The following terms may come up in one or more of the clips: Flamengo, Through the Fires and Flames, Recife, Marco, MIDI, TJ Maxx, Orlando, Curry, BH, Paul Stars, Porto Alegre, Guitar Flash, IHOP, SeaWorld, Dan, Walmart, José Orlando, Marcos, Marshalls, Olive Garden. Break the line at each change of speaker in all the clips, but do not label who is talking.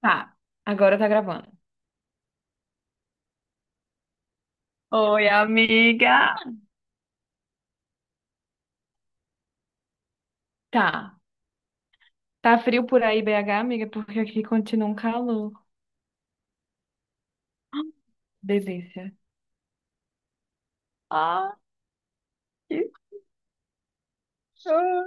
Tá, agora tá gravando. Oi, amiga! Tá. Tá frio por aí, BH, amiga, porque aqui continua um calor. Delícia. Ah, que show!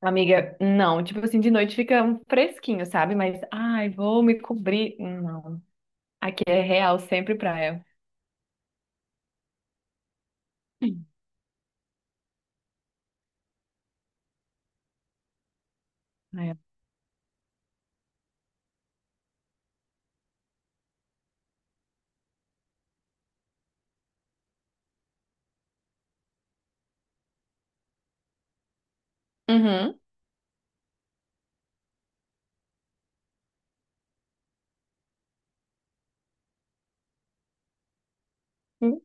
Amiga, não, tipo assim, de noite fica um fresquinho, sabe? Mas, ai, vou me cobrir. Não. Aqui é real, sempre praia. Hum. É. Uhum. Hum.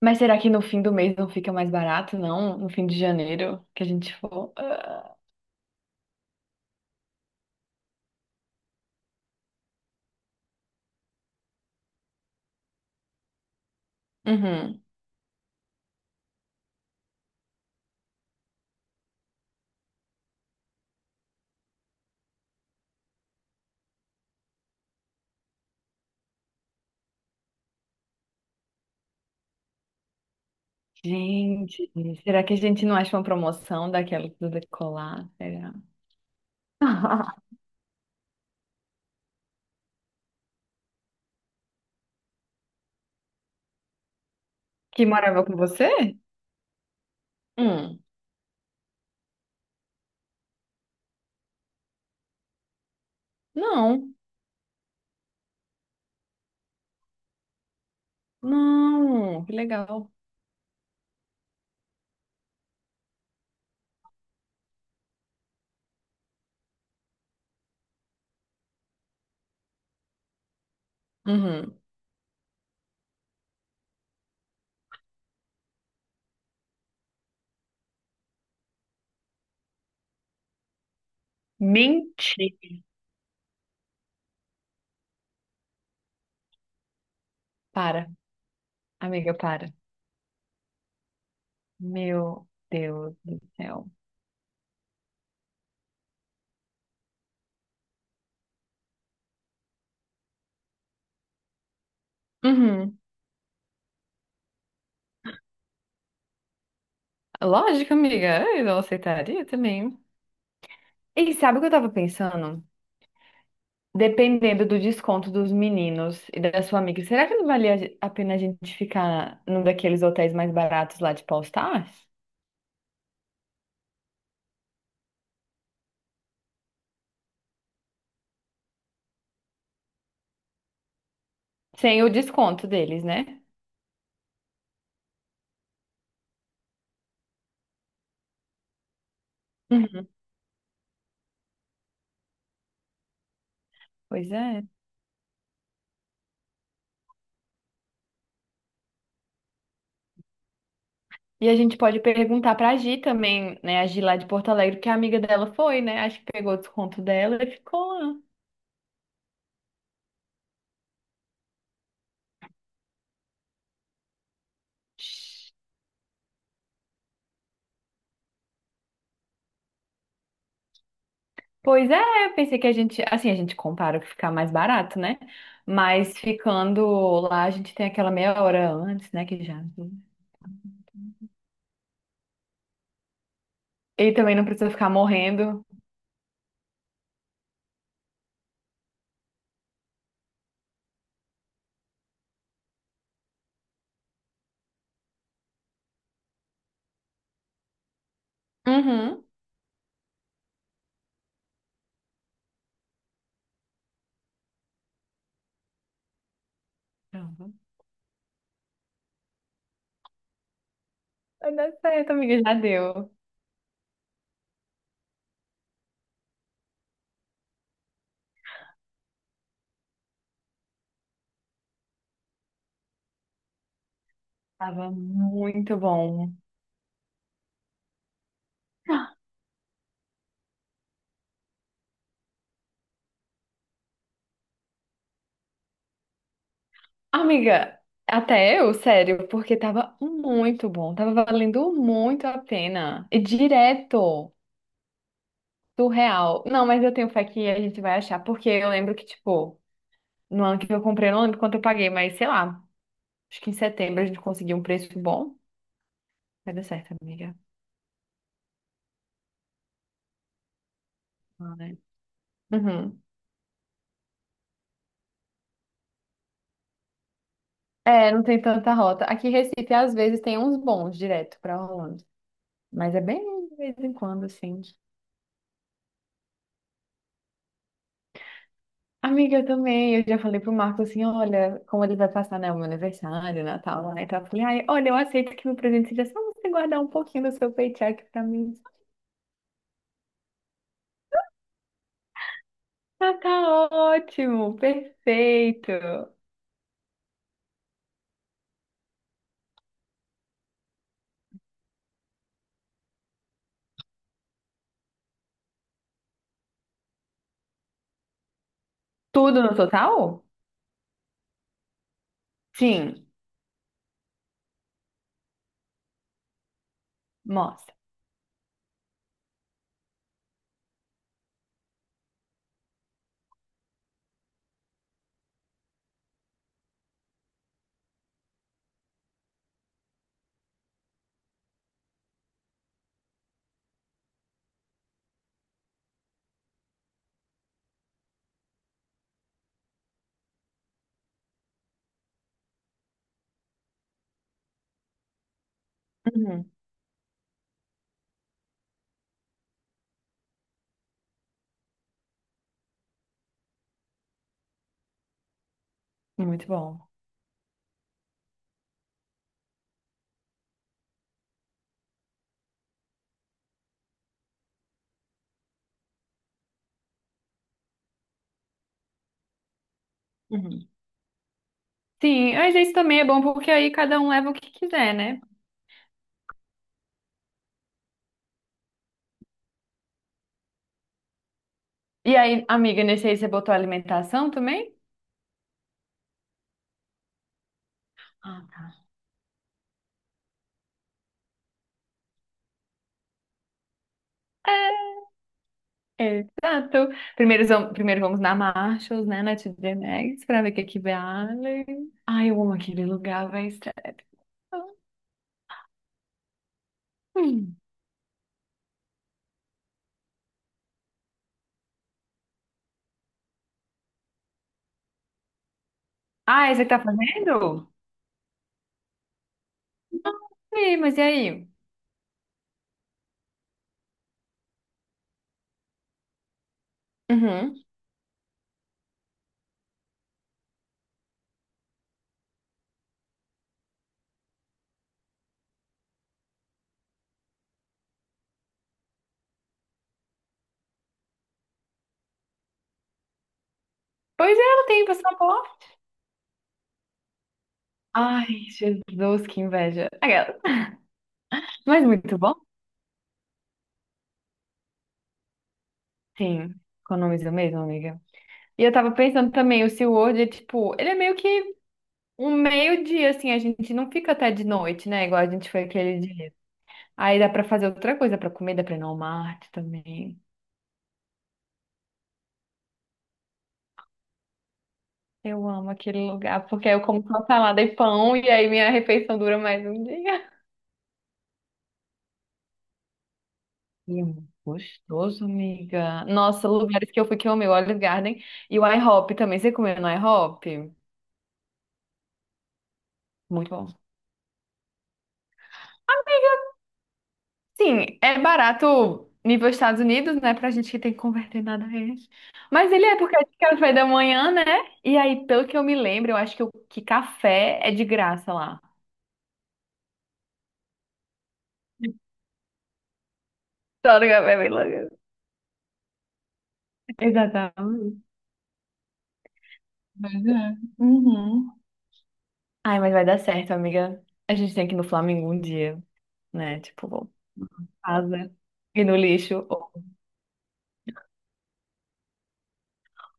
Mas será que no fim do mês não fica mais barato, não? No fim de janeiro que a gente for? Ah. Uhum. Gente, será que a gente não acha uma promoção daquela do decolar? Será? Que morava com você? Hum, não, não, que legal. Uhum. Mentira. Para, amiga, para. Meu Deus do céu. Uhum. Lógico, amiga, eu aceitaria também. E sabe o que eu tava pensando? Dependendo do desconto dos meninos e da sua amiga, será que não valia a pena a gente ficar num daqueles hotéis mais baratos lá de Paul Stars? Sem o desconto deles, né? Uhum. Pois é. E a gente pode perguntar pra Gi também, né? A Gi lá de Porto Alegre, que a amiga dela foi, né? Acho que pegou o desconto dela e ficou lá. Pois é, eu pensei que a gente, assim, a gente compara o que ficar mais barato, né? Mas ficando lá, a gente tem aquela meia hora antes, né? Que já. E também não precisa ficar morrendo. Uhum. Pronto. Vai dar certo, amiga, já deu. Tava muito bom. Amiga, até eu, sério, porque tava muito bom, tava valendo muito a pena. E direto do real. Não, mas eu tenho fé que a gente vai achar, porque eu lembro que, tipo, no ano que eu comprei, eu não lembro quanto eu paguei, mas sei lá, acho que em setembro a gente conseguiu um preço bom. Vai dar certo, amiga. Ah, né? Uhum. É, não tem tanta rota. Aqui em Recife, às vezes, tem uns bons direto pra Orlando, mas é bem de vez em quando, assim. Amiga, eu também. Eu já falei pro Marco assim: olha, como ele vai passar, né, o meu aniversário, Natal, lá e tal. Eu falei: ai, olha, eu aceito que meu presente seja só você guardar um pouquinho do seu paycheck pra mim. Ah, tá ótimo, perfeito. Tudo no total? Sim, mostra. Uhum, muito bom. Uhum. Sim, mas isso também é bom porque aí cada um leva o que quiser, né? E aí, amiga, nesse aí você botou alimentação também? Ah, tá. Exato. Primeiro vamos na Marshalls, né, na TJ Maxx, pra ver o que é que vale. Ai, eu amo aquele lugar, vai estar. Hum. Ah, esse que tá fazendo? Sim, mas e aí? Uhum. Pois é, ela tem passaporte. Ai, Jesus, que inveja. Aquela. Mas muito bom. Sim, economiza mesmo, amiga. E eu tava pensando também, o SeaWorld é tipo, ele é meio que um meio-dia, assim, a gente não fica até de noite, né? Igual a gente foi aquele dia. Aí dá pra fazer outra coisa, pra comer, dá pra ir no Walmart também. Eu amo aquele lugar, porque eu como só salada e pão, e aí minha refeição dura mais um dia. E é muito gostoso, amiga. Nossa, lugares que eu fui que eu amei, o Olive Garden e o IHOP também. Você comeu no IHOP? Muito bom. Sim, é barato nível Estados Unidos, né? Pra gente que tem que converter nada a eles. Mas ele é porque é de café da manhã, né? E aí, pelo que eu me lembro, eu acho que, o que café é de graça lá. Só no café, é bem louco. Exatamente. Pois é. Uhum. Ai, mas vai dar certo, amiga. A gente tem que ir no Flamengo um dia, né? Tipo, casa e no lixo.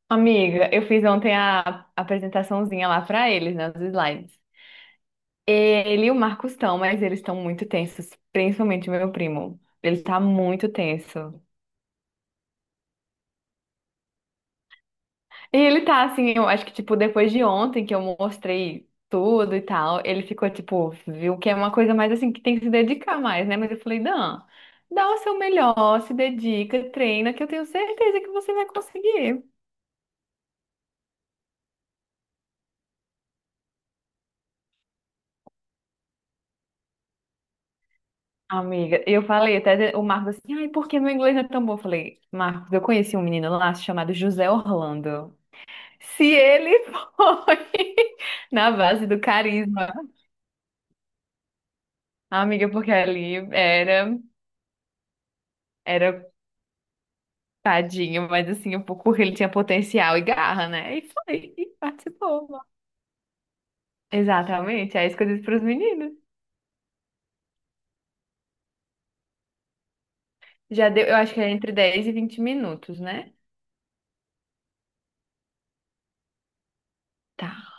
Amiga, eu fiz ontem a apresentaçãozinha lá pra eles, né? Os slides. Ele e o Marcos estão, mas eles estão muito tensos, principalmente o meu primo. Ele tá muito tenso. E ele tá assim, eu acho que, tipo, depois de ontem que eu mostrei tudo e tal, ele ficou, tipo, viu que é uma coisa mais assim, que tem que se dedicar mais, né? Mas eu falei, Dan, dá o seu melhor, se dedica, treina, que eu tenho certeza que você vai conseguir. Amiga, eu falei até o Marcos assim, ai, por que meu inglês não é tão bom? Eu falei, Marcos, eu conheci um menino lá chamado José Orlando. Se ele foi na base do carisma, amiga, porque ali era. Era tadinho, mas assim, o Curry ele tinha potencial e garra, né? E foi, e participou. Exatamente, é isso que eu disse pros meninos. Já deu, eu acho que é entre 10 e 20 minutos, né? Tá.